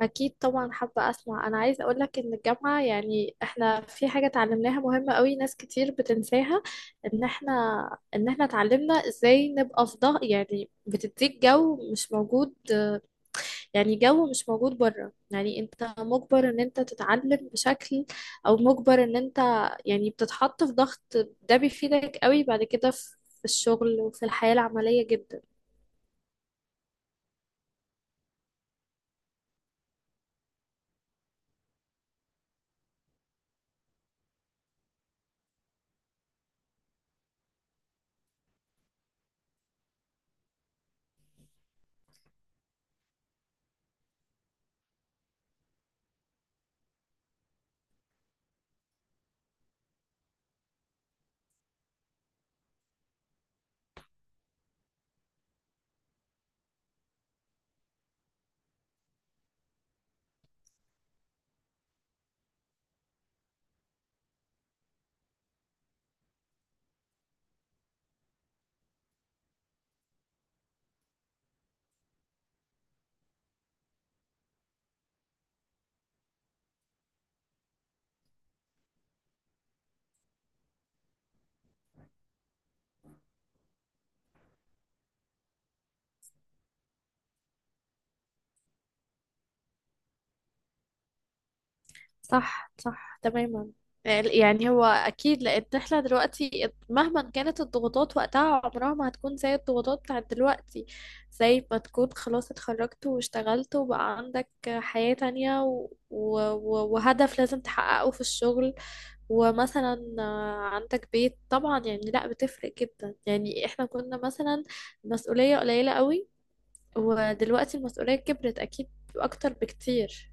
أكيد طبعا حابة أسمع. أنا عايزة أقولك إن الجامعة، يعني إحنا في حاجة اتعلمناها مهمة قوي ناس كتير بتنساها. إن إحنا إن إحنا اتعلمنا إزاي نبقى في ضغط، يعني بتديك جو مش موجود، يعني جو مش موجود بره، يعني أنت مجبر إن أنت تتعلم بشكل، أو مجبر إن أنت، يعني بتتحط في ضغط. ده بيفيدك قوي بعد كده في الشغل وفي الحياة العملية جدا. صح صح تماما. يعني هو اكيد لان احنا دلوقتي مهما كانت الضغوطات وقتها عمرها ما هتكون زي الضغوطات بتاعت دلوقتي. زي ما تكون خلاص اتخرجت واشتغلت وبقى عندك حياة تانية، و... و... وهدف لازم تحققه في الشغل. ومثلا عندك بيت طبعا، يعني لا بتفرق جدا. يعني احنا كنا مثلا مسؤولية قليلة قوي، ودلوقتي المسؤولية كبرت اكيد، اكتر بكتير.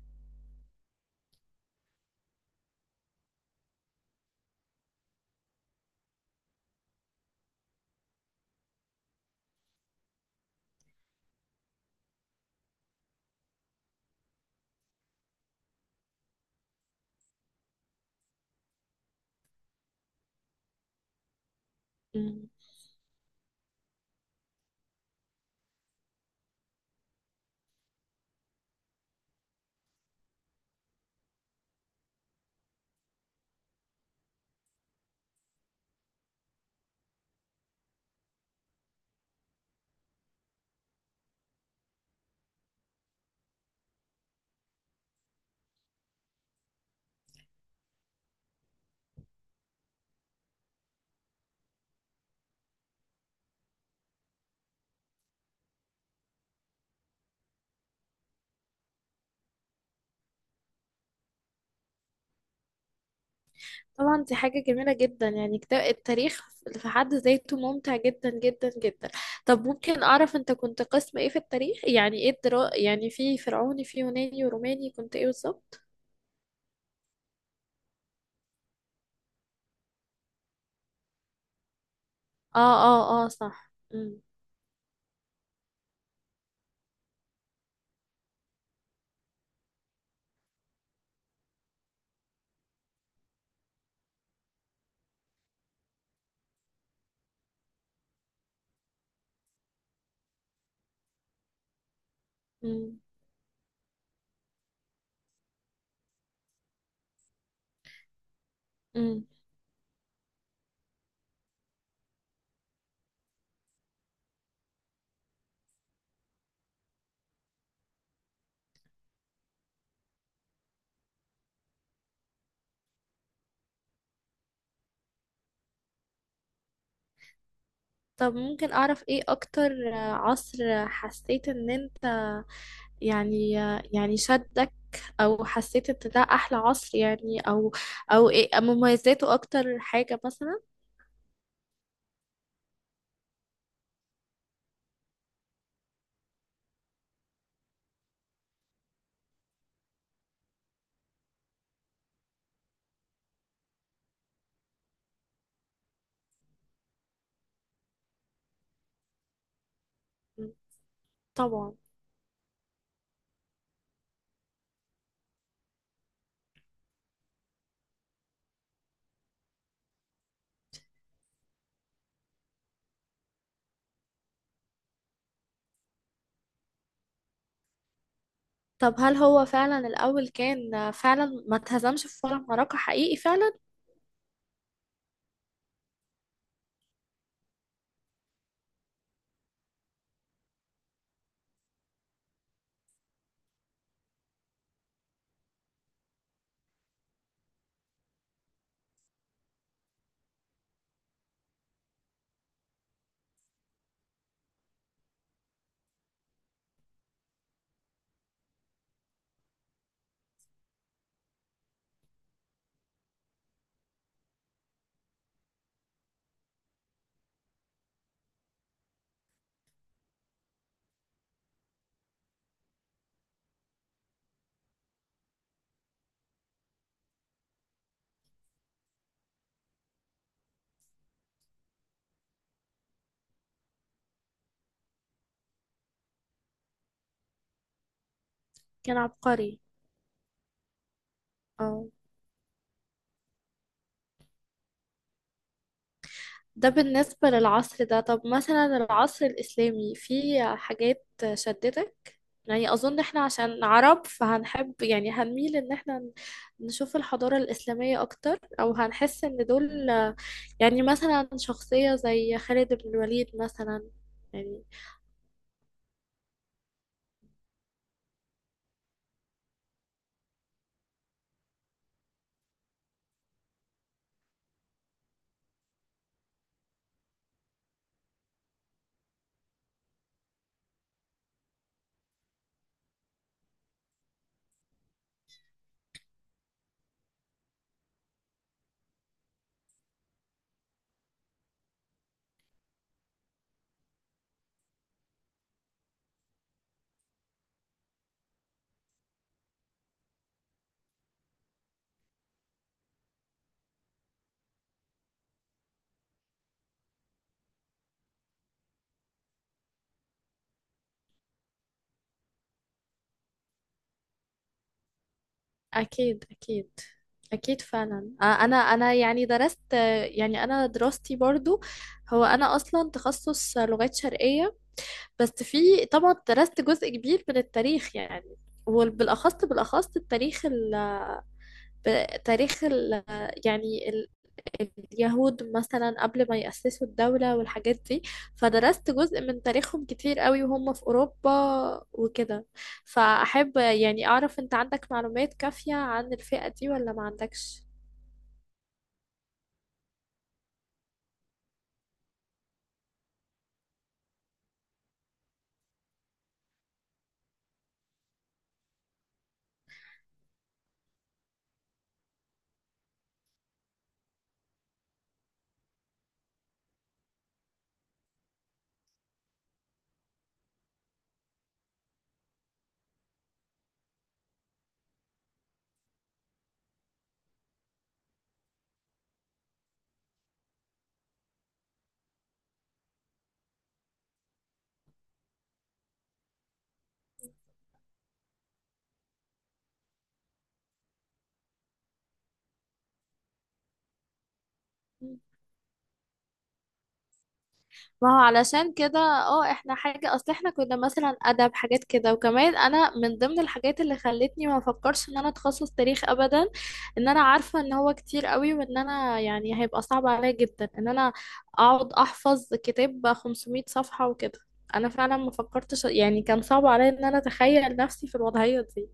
طبعا دي حاجة جميلة جدا يعني. كتاب التاريخ في حد ذاته ممتع جدا جدا جدا. طب ممكن أعرف أنت كنت قسم إيه في التاريخ؟ يعني إيه الدرا، يعني في فرعوني، في يوناني وروماني، كنت إيه بالظبط؟ آه آه آه صح. أم، أم، أم. طب ممكن أعرف إيه أكتر عصر حسيت إن أنت، يعني، يعني شدك، أو حسيت إن ده أحلى عصر، يعني، أو أو إيه مميزاته أكتر حاجة مثلا؟ طبعا. طب هل هو فعلا الأول كان فعلا ما اتهزمش في ولا معركة؟ حقيقي فعلا؟ كان عبقري. اه. ده بالنسبة للعصر ده، طب مثلا العصر الإسلامي فيه حاجات شدتك؟ يعني أظن إحنا عشان عرب فهنحب، يعني هنميل إن إحنا نشوف الحضارة الإسلامية أكتر، أو هنحس إن دول يعني مثلا شخصية زي خالد بن الوليد مثلا يعني. أكيد أكيد. أكيد فعلا. أنا يعني درست، يعني أنا دراستي برضو، هو أنا أصلا تخصص لغات شرقية. بس في طبعا درست جزء كبير من التاريخ يعني، وبالأخص بالأخص التاريخ ال... تاريخ ال... يعني اليهود مثلا قبل ما يأسسوا الدولة والحاجات دي. فدرست جزء من تاريخهم كتير قوي، وهم في أوروبا وكده. فأحب يعني أعرف أنت عندك معلومات كافية عن الفئة دي ولا ما عندكش؟ ما هو علشان كده اه، احنا حاجة، اصل احنا كنا مثلا ادب حاجات كده، وكمان انا من ضمن الحاجات اللي خلتني ما افكرش ان انا اتخصص تاريخ ابدا، ان انا عارفة ان هو كتير قوي، وان انا يعني هيبقى صعب عليا جدا ان انا اقعد احفظ كتاب 500 صفحة وكده. انا فعلا ما فكرتش، يعني كان صعب عليا ان انا اتخيل نفسي في الوضعية دي.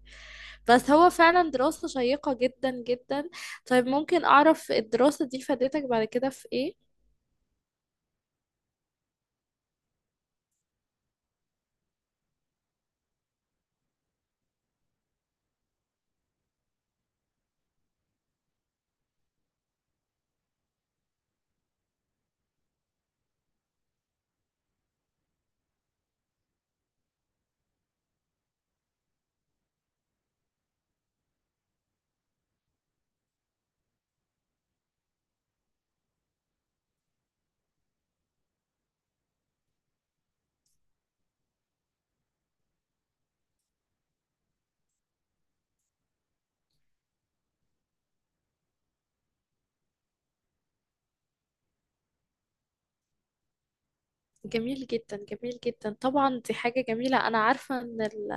بس هو فعلا دراسة شيقة جدا جدا. طيب ممكن اعرف الدراسة دي فادتك بعد كده في ايه؟ جميل جدا جميل جدا. طبعا دي حاجة جميلة. أنا عارفة إن ال...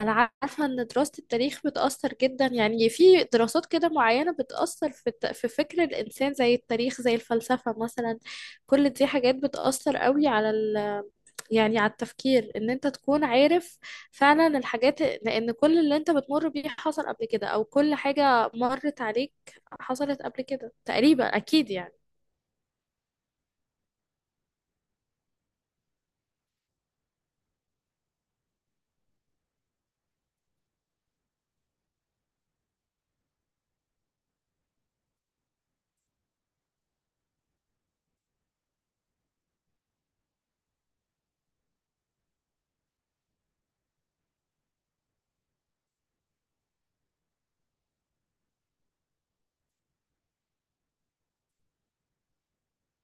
أنا عارفة إن دراسة التاريخ بتأثر جدا، يعني في دراسات كده معينة بتأثر في الت... في فكر الإنسان، زي التاريخ زي الفلسفة مثلا، كل دي حاجات بتأثر قوي على ال... يعني على التفكير، إن أنت تكون عارف فعلا الحاجات، لأن كل اللي أنت بتمر بيه حصل قبل كده، أو كل حاجة مرت عليك حصلت قبل كده تقريبا أكيد يعني.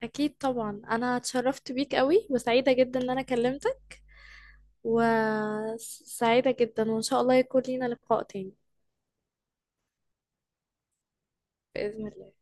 أكيد طبعا. أنا اتشرفت بيك قوي، وسعيدة جدا إن أنا كلمتك، وسعيدة جدا، وإن شاء الله يكون لينا لقاء تاني. بإذن الله.